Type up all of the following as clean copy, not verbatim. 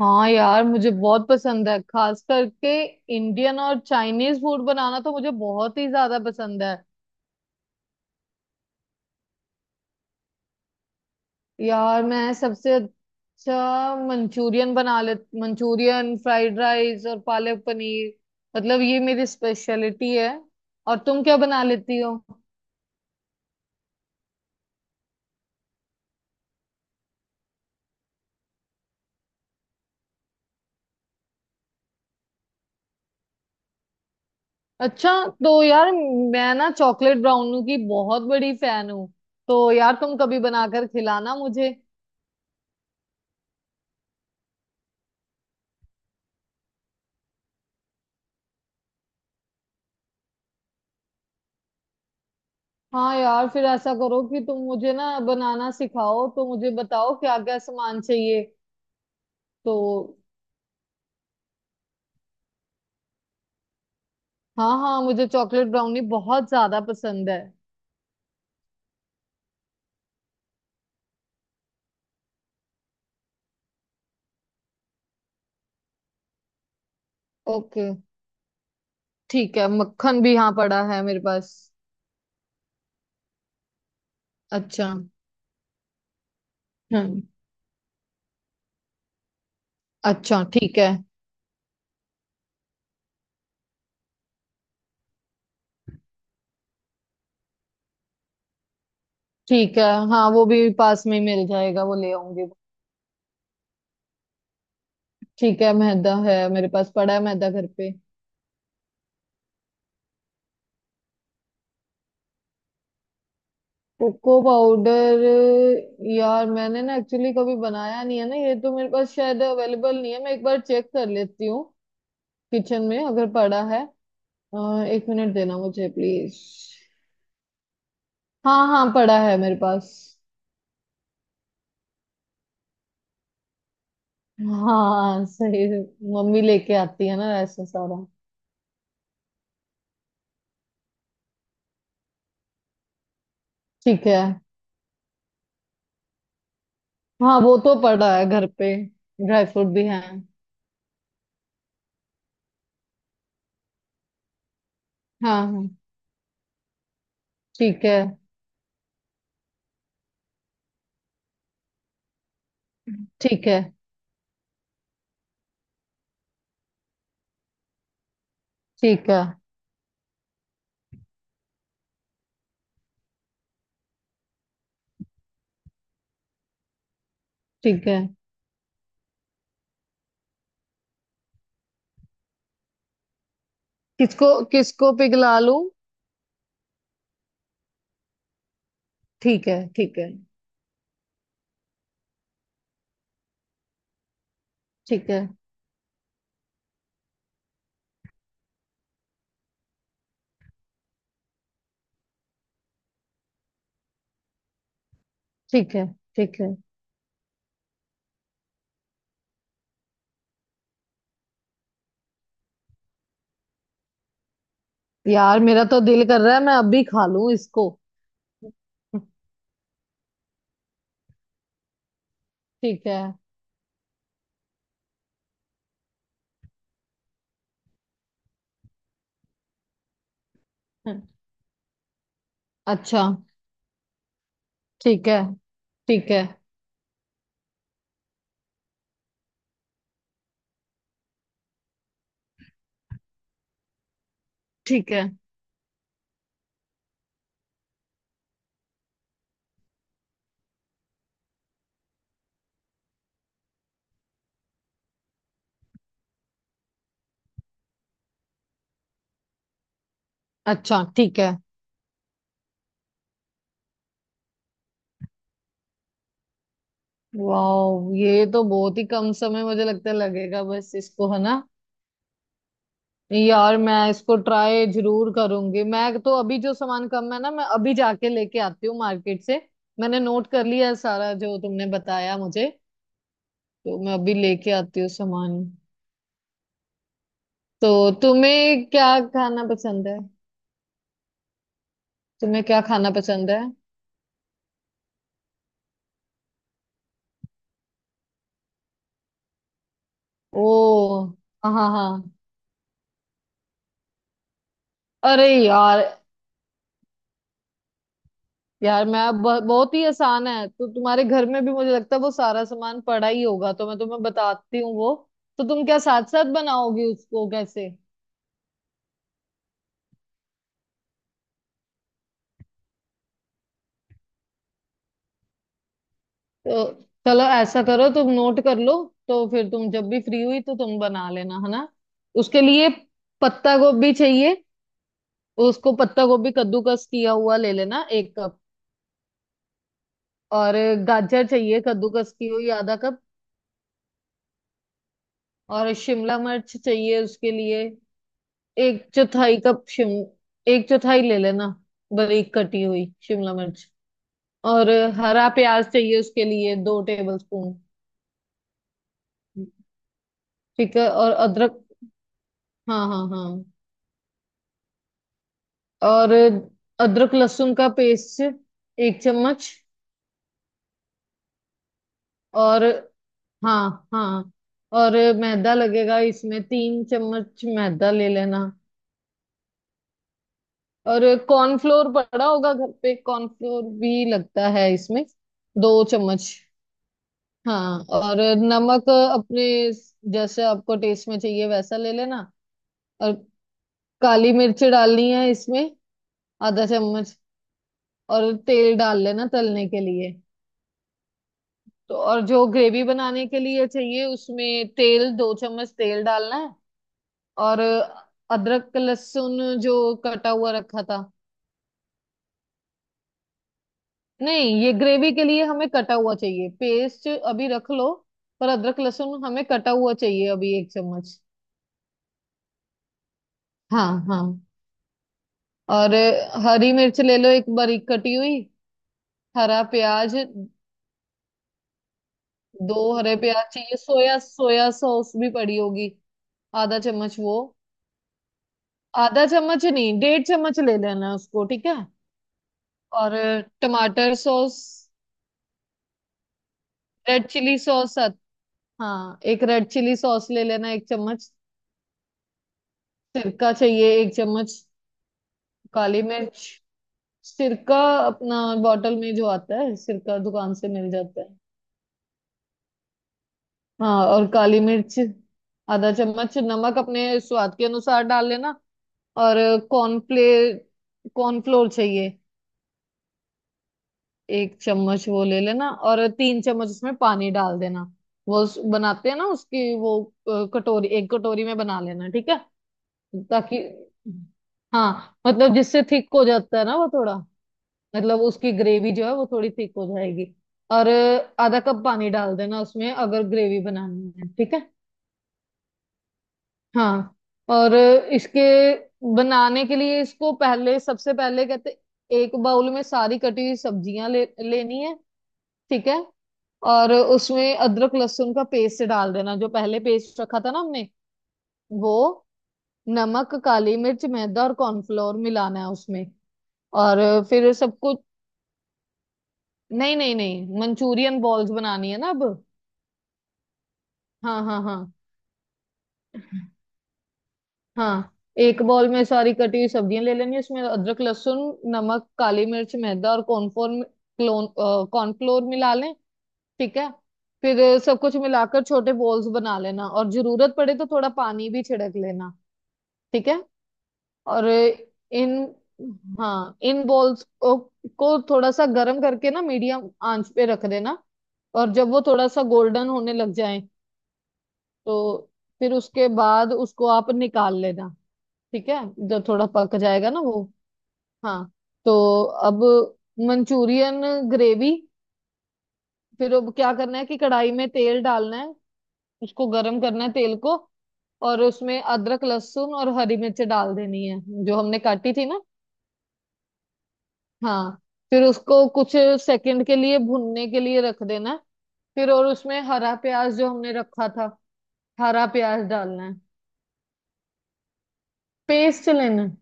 हाँ यार, मुझे बहुत पसंद है, खास करके इंडियन और चाइनीज फूड बनाना तो मुझे बहुत ही ज्यादा पसंद है। यार, मैं सबसे अच्छा मंचूरियन बना ले, मंचूरियन फ्राइड राइस और पालक पनीर, मतलब ये मेरी स्पेशलिटी है। और तुम क्या बना लेती हो? अच्छा। तो यार, मैं ना चॉकलेट ब्राउनी की बहुत बड़ी फैन हूँ, तो यार तुम कभी बनाकर खिलाना मुझे। हाँ यार, फिर ऐसा करो कि तुम मुझे ना बनाना सिखाओ तो मुझे बताओ क्या क्या सामान चाहिए। तो हाँ हाँ, मुझे चॉकलेट ब्राउनी बहुत ज्यादा पसंद है। ओके। ठीक है, मक्खन भी यहाँ पड़ा है मेरे पास। अच्छा। हम्म। अच्छा, ठीक है। ठीक है। हाँ, वो भी पास में ही मिल जाएगा, वो ले आऊंगी। ठीक है, मैदा है मेरे पास, पड़ा है मैदा घर पे। Cocoa powder? यार, मैंने ना एक्चुअली कभी बनाया नहीं है ना, ये तो मेरे पास शायद अवेलेबल नहीं है, मैं एक बार चेक कर लेती हूँ किचन में अगर पड़ा है। 1 मिनट देना मुझे प्लीज। हाँ हाँ, पड़ा है मेरे पास। हाँ सही, मम्मी लेके आती है ना ऐसा सारा। ठीक है। हाँ वो तो पड़ा है घर पे, ड्राई फ्रूट भी है। हाँ हाँ। ठीक है। ठीक है। ठीक है। ठीक है। किसको, किसको पिघला लूं? ठीक है। ठीक है। ठीक है। ठीक है। ठीक है। यार, मेरा तो दिल कर रहा है मैं अभी खा लूं इसको। ठीक है। अच्छा, ठीक है। ठीक है। ठीक है। अच्छा, ठीक है। वाह, ये तो बहुत ही कम समय मुझे लगता है लगेगा बस इसको, है ना? यार, मैं इसको ट्राई जरूर करूंगी, मैं तो अभी जो सामान कम है ना, मैं अभी जाके लेके आती हूँ मार्केट से। मैंने नोट कर लिया है सारा जो तुमने बताया मुझे। तो मैं अभी लेके आती हूँ सामान। तो तुम्हें क्या खाना पसंद है? तुम्हें क्या खाना पसंद है? ओ, हाँ हाँ हाँ। अरे यार, बहुत ही आसान है, तो तुम्हारे घर में भी मुझे लगता है वो सारा सामान पड़ा ही होगा, तो मैं तुम्हें बताती हूँ वो। तो तुम क्या साथ साथ बनाओगी उसको, कैसे? तो चलो ऐसा करो, तुम नोट कर लो, तो फिर तुम जब भी फ्री हुई तो तुम बना लेना, है ना? उसके लिए पत्ता गोभी चाहिए। उसको पत्ता गोभी कद्दूकस किया हुआ ले लेना, 1 कप। और गाजर चाहिए कद्दूकस की हुई, आधा कप। और शिमला मिर्च चाहिए उसके लिए, एक चौथाई कप शिम एक चौथाई ले लेना, बारीक कटी हुई शिमला मिर्च। और हरा प्याज चाहिए उसके लिए, 2 टेबल स्पून। ठीक है, और अदरक। हाँ हाँ हाँ। और अदरक लहसुन का पेस्ट, 1 चम्मच। और हाँ हाँ। और मैदा लगेगा इसमें, 3 चम्मच मैदा ले लेना। और कॉर्नफ्लोर पड़ा होगा घर पे, कॉर्नफ्लोर भी लगता है इसमें, 2 चम्मच। हाँ, और नमक अपने जैसे आपको टेस्ट में चाहिए वैसा ले लेना। और काली मिर्च डालनी है इसमें, आधा चम्मच। और तेल डाल लेना तलने के लिए। तो और जो ग्रेवी बनाने के लिए चाहिए उसमें तेल, 2 चम्मच तेल डालना है। और अदरक लहसुन जो कटा हुआ रखा था। नहीं, ये ग्रेवी के लिए हमें कटा हुआ चाहिए, पेस्ट अभी रख लो। पर अदरक लहसुन हमें कटा हुआ चाहिए अभी, 1 चम्मच। हाँ हाँ। और हरी मिर्च ले लो, एक बारीक कटी हुई। हरा प्याज, 2 हरे प्याज चाहिए। सोया सोया सॉस भी पड़ी होगी, आधा चम्मच वो। आधा चम्मच नहीं, डेढ़ चम्मच ले लेना उसको, ठीक है। और टमाटर सॉस, रेड चिली सॉस। हाँ, एक रेड चिली सॉस ले लेना, 1 चम्मच। सिरका चाहिए, 1 चम्मच। काली मिर्च। सिरका, अपना बॉटल में जो आता है सिरका, दुकान से मिल जाता है। हाँ और काली मिर्च, आधा चम्मच। नमक अपने स्वाद के अनुसार डाल लेना। और कॉर्नफ्ले कॉर्नफ्लोर चाहिए, 1 चम्मच वो ले लेना और 3 चम्मच उसमें पानी डाल देना। बनाते हैं ना उसकी वो, कटोरी, एक कटोरी में बना लेना, ठीक है? ताकि, हाँ, मतलब जिससे थिक हो जाता है ना वो थोड़ा, मतलब उसकी ग्रेवी जो है वो थोड़ी थिक हो जाएगी। और आधा कप पानी डाल देना उसमें अगर ग्रेवी बनानी है, ठीक है? हाँ। और इसके बनाने के लिए इसको पहले, सबसे पहले कहते, एक बाउल में सारी कटी हुई सब्जियां ले लेनी है, ठीक है? और उसमें अदरक लहसुन का पेस्ट डाल देना, जो पहले पेस्ट रखा था ना हमने वो। नमक, काली मिर्च, मैदा और कॉर्नफ्लोर मिलाना है उसमें। और फिर सब कुछ, नहीं नहीं नहीं, मंचूरियन बॉल्स बनानी है ना अब। हाँ हाँ हाँ। हाँ। एक बॉल में सारी कटी हुई सब्जियां ले लेनी, उसमें अदरक लहसुन, नमक, काली मिर्च, मैदा और कॉर्नफ्लोर, क्लोन कॉर्नफ्लोर मिला लें, ठीक है। फिर सब कुछ मिलाकर छोटे बॉल्स बना लेना, और जरूरत पड़े तो थोड़ा पानी भी छिड़क लेना। ठीक है। और इन हाँ इन बॉल्स को थोड़ा सा गर्म करके ना मीडियम आंच पे रख देना। और जब वो थोड़ा सा गोल्डन होने लग जाए, तो फिर उसके बाद उसको आप निकाल लेना, ठीक है? जब थोड़ा पक जाएगा ना वो। हाँ। तो अब मंचूरियन ग्रेवी, फिर अब क्या करना है कि कढ़ाई में तेल डालना है, उसको गर्म करना है तेल को। और उसमें अदरक लहसुन और हरी मिर्च डाल देनी है, जो हमने काटी थी ना। हाँ। फिर उसको कुछ सेकंड के लिए भुनने के लिए रख देना है। फिर और उसमें हरा प्याज जो हमने रखा था, हरा प्याज डालना है। पेस्ट लेना है।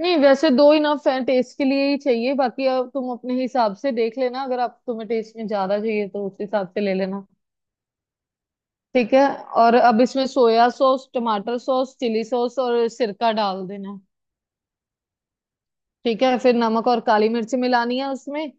नहीं, वैसे दो इनफ है, टेस्ट के लिए ही चाहिए, बाकी अब तुम अपने हिसाब से देख लेना, अगर आप तुम्हें टेस्ट में ज्यादा चाहिए तो उस हिसाब से ले लेना, ठीक है। और अब इसमें सोया सॉस, टमाटर सॉस, चिली सॉस और सिरका डाल देना। ठीक है, फिर नमक और काली मिर्च मिलानी है उसमें।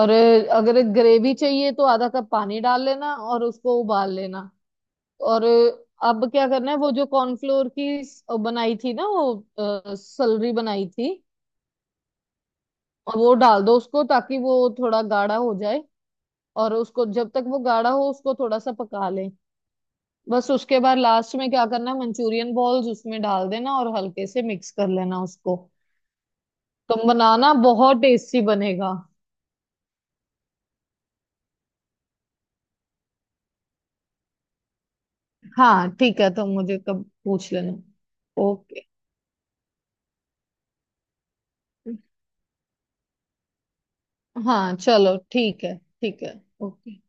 और अगर ग्रेवी चाहिए तो आधा कप पानी डाल लेना और उसको उबाल लेना। और अब क्या करना है, वो जो बनाई थी ना वो सलरी बनाई थी, और वो डाल दो उसको ताकि वो थोड़ा गाढ़ा हो जाए। और उसको जब तक वो गाढ़ा हो उसको थोड़ा सा पका लें। बस उसके बाद लास्ट में क्या करना है, मंचूरियन बॉल्स उसमें डाल देना और हल्के से मिक्स कर लेना उसको। तुम बनाना, बहुत टेस्टी बनेगा। हाँ ठीक है, तुम मुझे कब पूछ लेना। ओके। हाँ चलो ठीक है, ठीक है। ओके।